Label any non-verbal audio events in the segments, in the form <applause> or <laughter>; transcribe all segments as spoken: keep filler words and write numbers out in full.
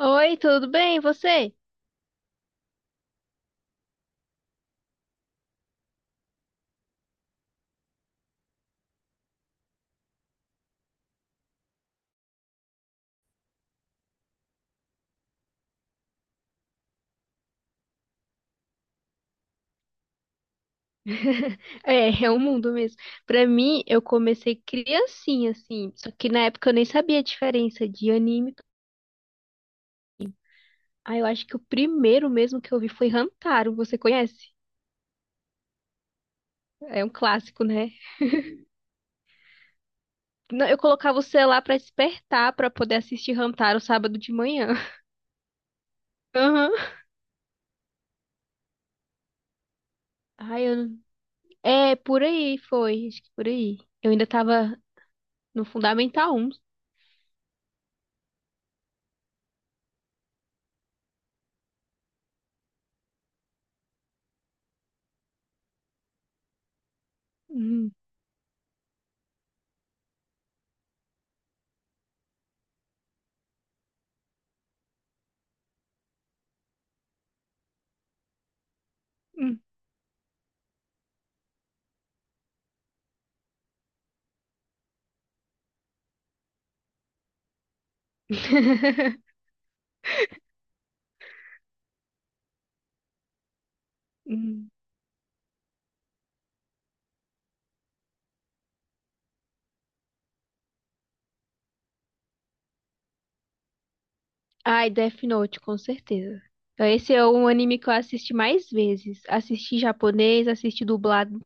Oi, tudo bem? E você? <laughs> É, é o mundo mesmo. Pra mim, eu comecei criancinha, assim. Só que na época eu nem sabia a diferença de anime. Ah, eu acho que o primeiro mesmo que eu vi foi Hamtaro. Você conhece? É um clássico, né? Não, eu colocava o celular pra despertar pra poder assistir Hamtaro sábado de manhã. <laughs> Aham. Ai, eu... É, por aí foi. Acho que por aí. Eu ainda tava no Fundamental um. Uhum. Uhum. <laughs> Uhum. Ai, Death Note, com certeza. Então, esse é um anime que eu assisti mais vezes. Assisti em japonês, assisti dublado.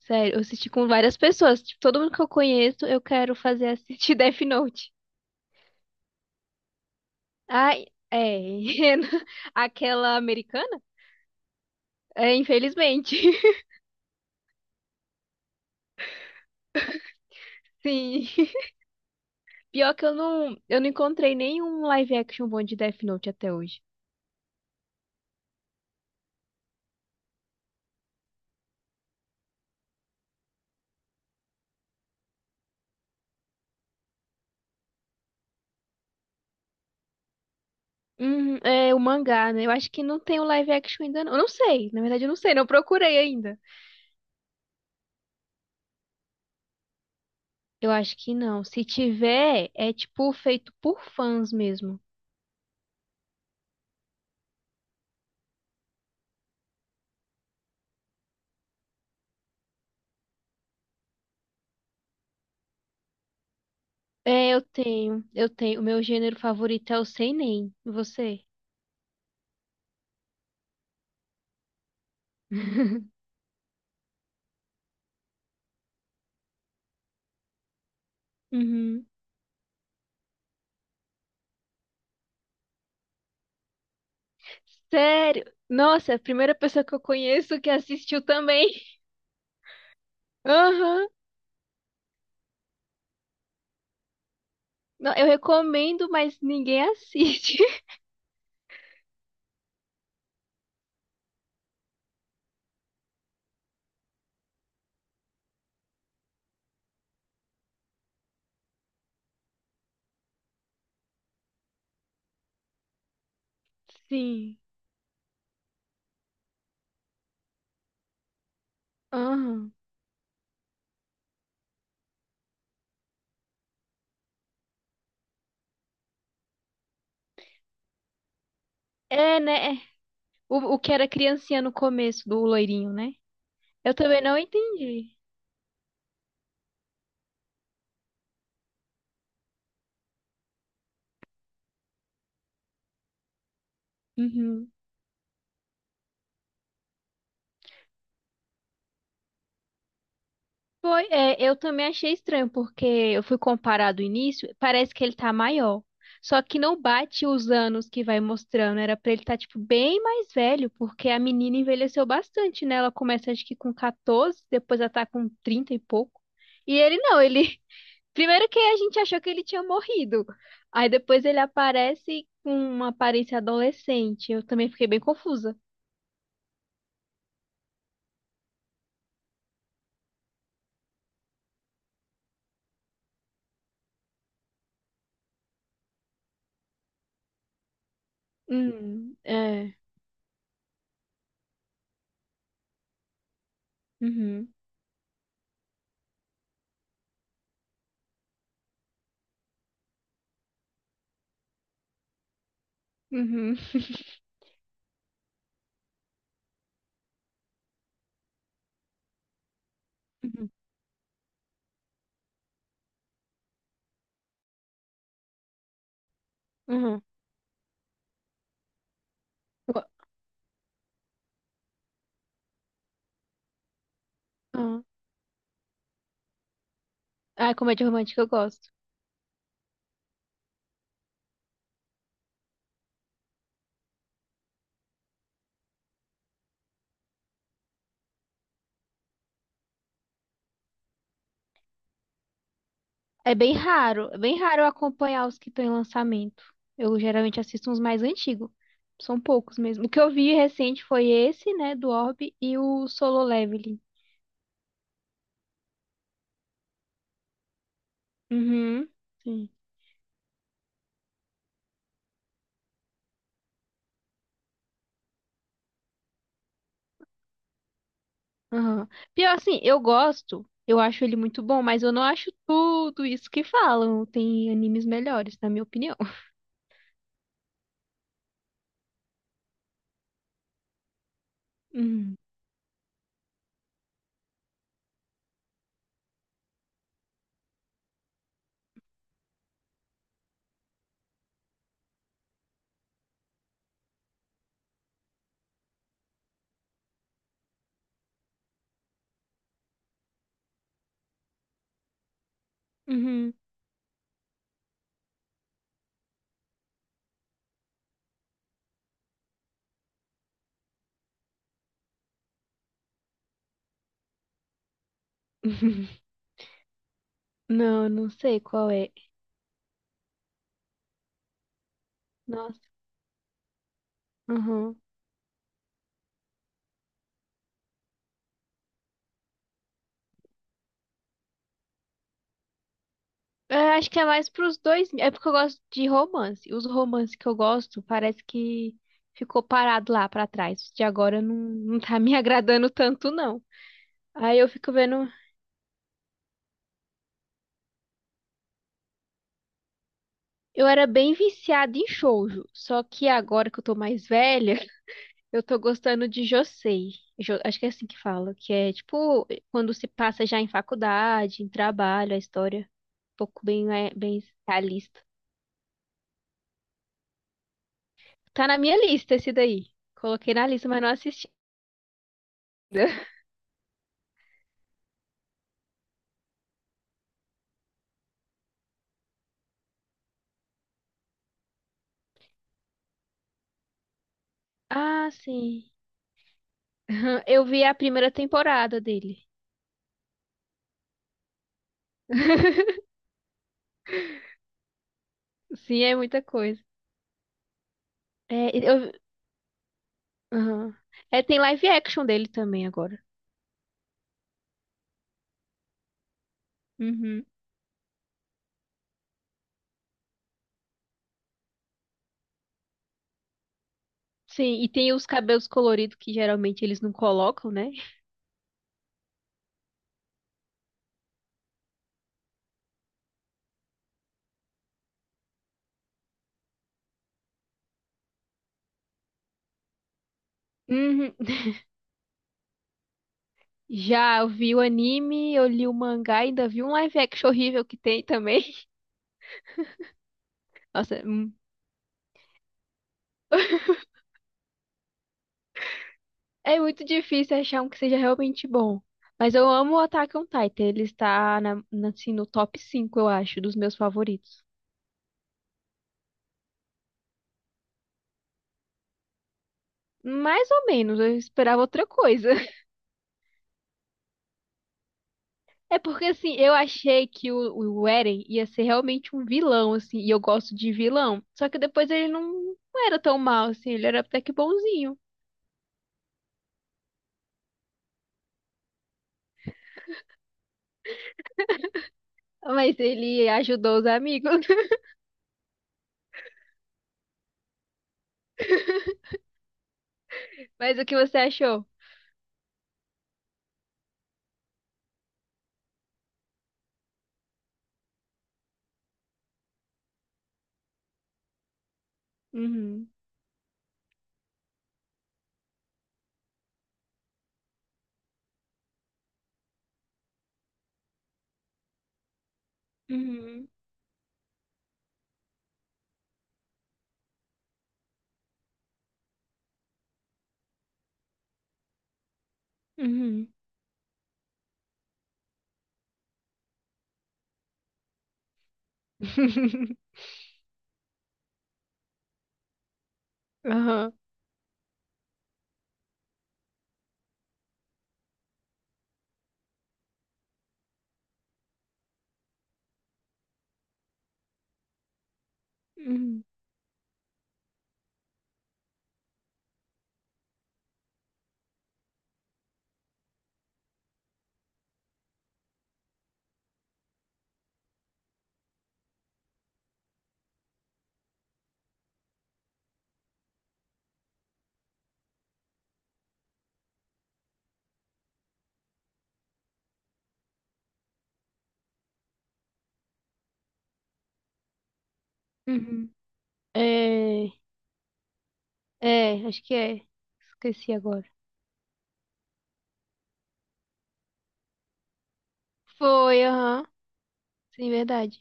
Sério, eu assisti com várias pessoas. Tipo, todo mundo que eu conheço, eu quero fazer assistir <laughs> Death Note. Ai, é. <laughs> Aquela americana? É, infelizmente. <laughs> Sim. Pior que eu não, eu não encontrei nenhum live action bom de Death Note até hoje. Hum, é o mangá, né? Eu acho que não tem o live action ainda, não. Eu não sei. Na verdade, eu não sei, não procurei ainda. Eu acho que não. Se tiver, é tipo feito por fãs mesmo. É, eu tenho. Eu tenho. O meu gênero favorito é o seinen. Você? <laughs> Uhum. Sério? Nossa, é a primeira pessoa que eu conheço que assistiu também. <laughs> Aham. Não, eu recomendo, mas ninguém assiste. <laughs> Sim. Aham. É, né? É. O, o que era criancinha no começo do loirinho, né? Eu também não entendi. Uhum. Foi, é, eu também achei estranho, porque eu fui comparar do início, parece que ele tá maior. Só que não bate os anos que vai mostrando, era pra ele estar, tá, tipo, bem mais velho, porque a menina envelheceu bastante, né? Ela começa, acho que com quatorze, depois ela tá com trinta e pouco. E ele não, ele... <laughs> Primeiro que a gente achou que ele tinha morrido. Aí depois ele aparece com uma aparência adolescente. Eu também fiquei bem confusa. Hum, é. Uhum. Uhum. <laughs> Uhum. Uhum. Ah, comédia romântica eu gosto. É bem raro, é bem raro eu acompanhar os que estão em lançamento. Eu geralmente assisto uns mais antigos. São poucos mesmo. O que eu vi recente foi esse, né, do Orb e o Solo Leveling. Uhum, sim. Aham. Pior assim, eu gosto, eu acho ele muito bom, mas eu não acho tudo isso que falam. Tem animes melhores, na minha opinião. Uhum. Uhum. <laughs> Não, não sei qual é. Nossa. Aham. Eu acho que é mais pros dois. É porque eu gosto de romance. Os romances que eu gosto parece que ficou parado lá pra trás. De agora não, não tá me <laughs> agradando tanto, não. Aí eu fico vendo. Eu era bem viciada em shoujo. Só que agora que eu tô mais velha, <laughs> eu tô gostando de josei. Jo- Acho que é assim que fala. Que é tipo quando se passa já em faculdade, em trabalho, a história é um pouco bem, é, bem realista. Tá na minha lista esse daí. Coloquei na lista, mas não assisti. Ah, sim. <laughs> Eu vi a primeira temporada dele. <laughs> Sim, é muita coisa. É, eu... aham. É, tem live action dele também agora. Uhum. Sim, e tem os cabelos coloridos que geralmente eles não colocam, né? Uhum. Já eu vi o anime, eu li o mangá, ainda vi um live action horrível que tem também. <laughs> Nossa, hum. É muito difícil achar um que seja realmente bom. Mas eu amo o Attack on Titan, ele está na, na- assim, no top cinco eu acho, dos meus favoritos. Mais ou menos, eu esperava outra coisa. <laughs> É porque, assim, eu achei que o, o Eren ia ser realmente um vilão, assim, e eu gosto de vilão. Só que depois ele não, não era tão mal, assim, ele era até que bonzinho. Mas ele ajudou os amigos. <laughs> Mas o que você achou? Uhum, uhum, uhum. <laughs> Aham, uhum, uhum. É, é, acho que é. Esqueci agora. Foi, aham, sim, verdade.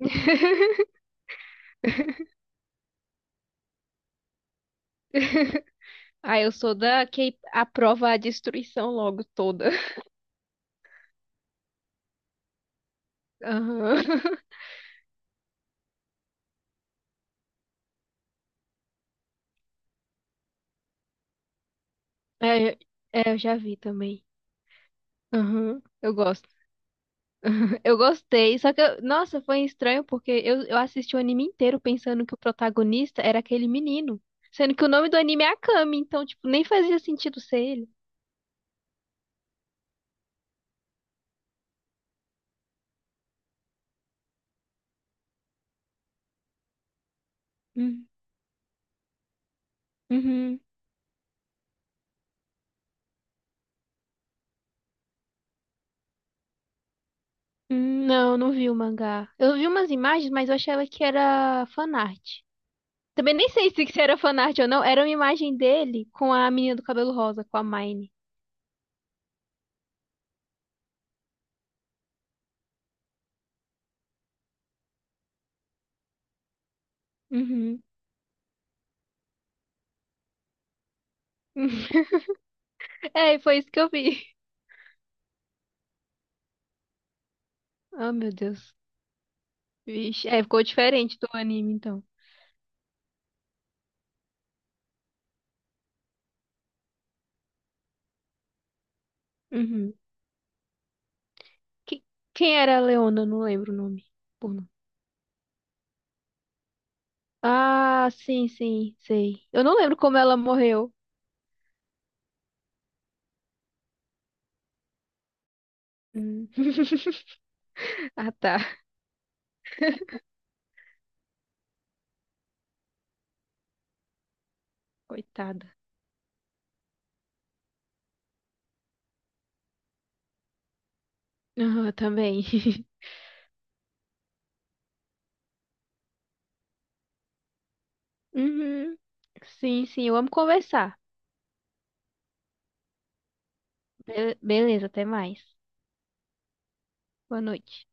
<laughs> Ah, eu sou da que aprova a destruição logo toda. Aham. <laughs> É, eu- é, eu já vi também. Aham. Eu gosto. Eu gostei. Só que, eu- nossa, foi estranho porque eu, eu assisti o anime inteiro pensando que o protagonista era aquele menino. Sendo que o nome do anime é Akami, então, tipo, nem fazia sentido ser ele. Hum, Uhum. Hum, não, não vi o mangá. Eu vi umas imagens, mas eu achava que era fanart. Também nem sei se isso era fanart ou não. Era uma imagem dele com a menina do cabelo rosa, com a Mine. Uhum. <laughs> É, foi isso que eu vi. Oh, meu Deus. Vixe. É, ficou diferente do anime, então. Uhum. Que- Quem era a Leona? Eu não lembro o nome. Por nome. Ah, sim, sim, sei. Eu não lembro como ela morreu. Hum. <laughs> Ah, tá. Coitada. Ah, também. <laughs> Uhum. Sim, sim, eu amo conversar. Be- beleza, até mais. Boa noite.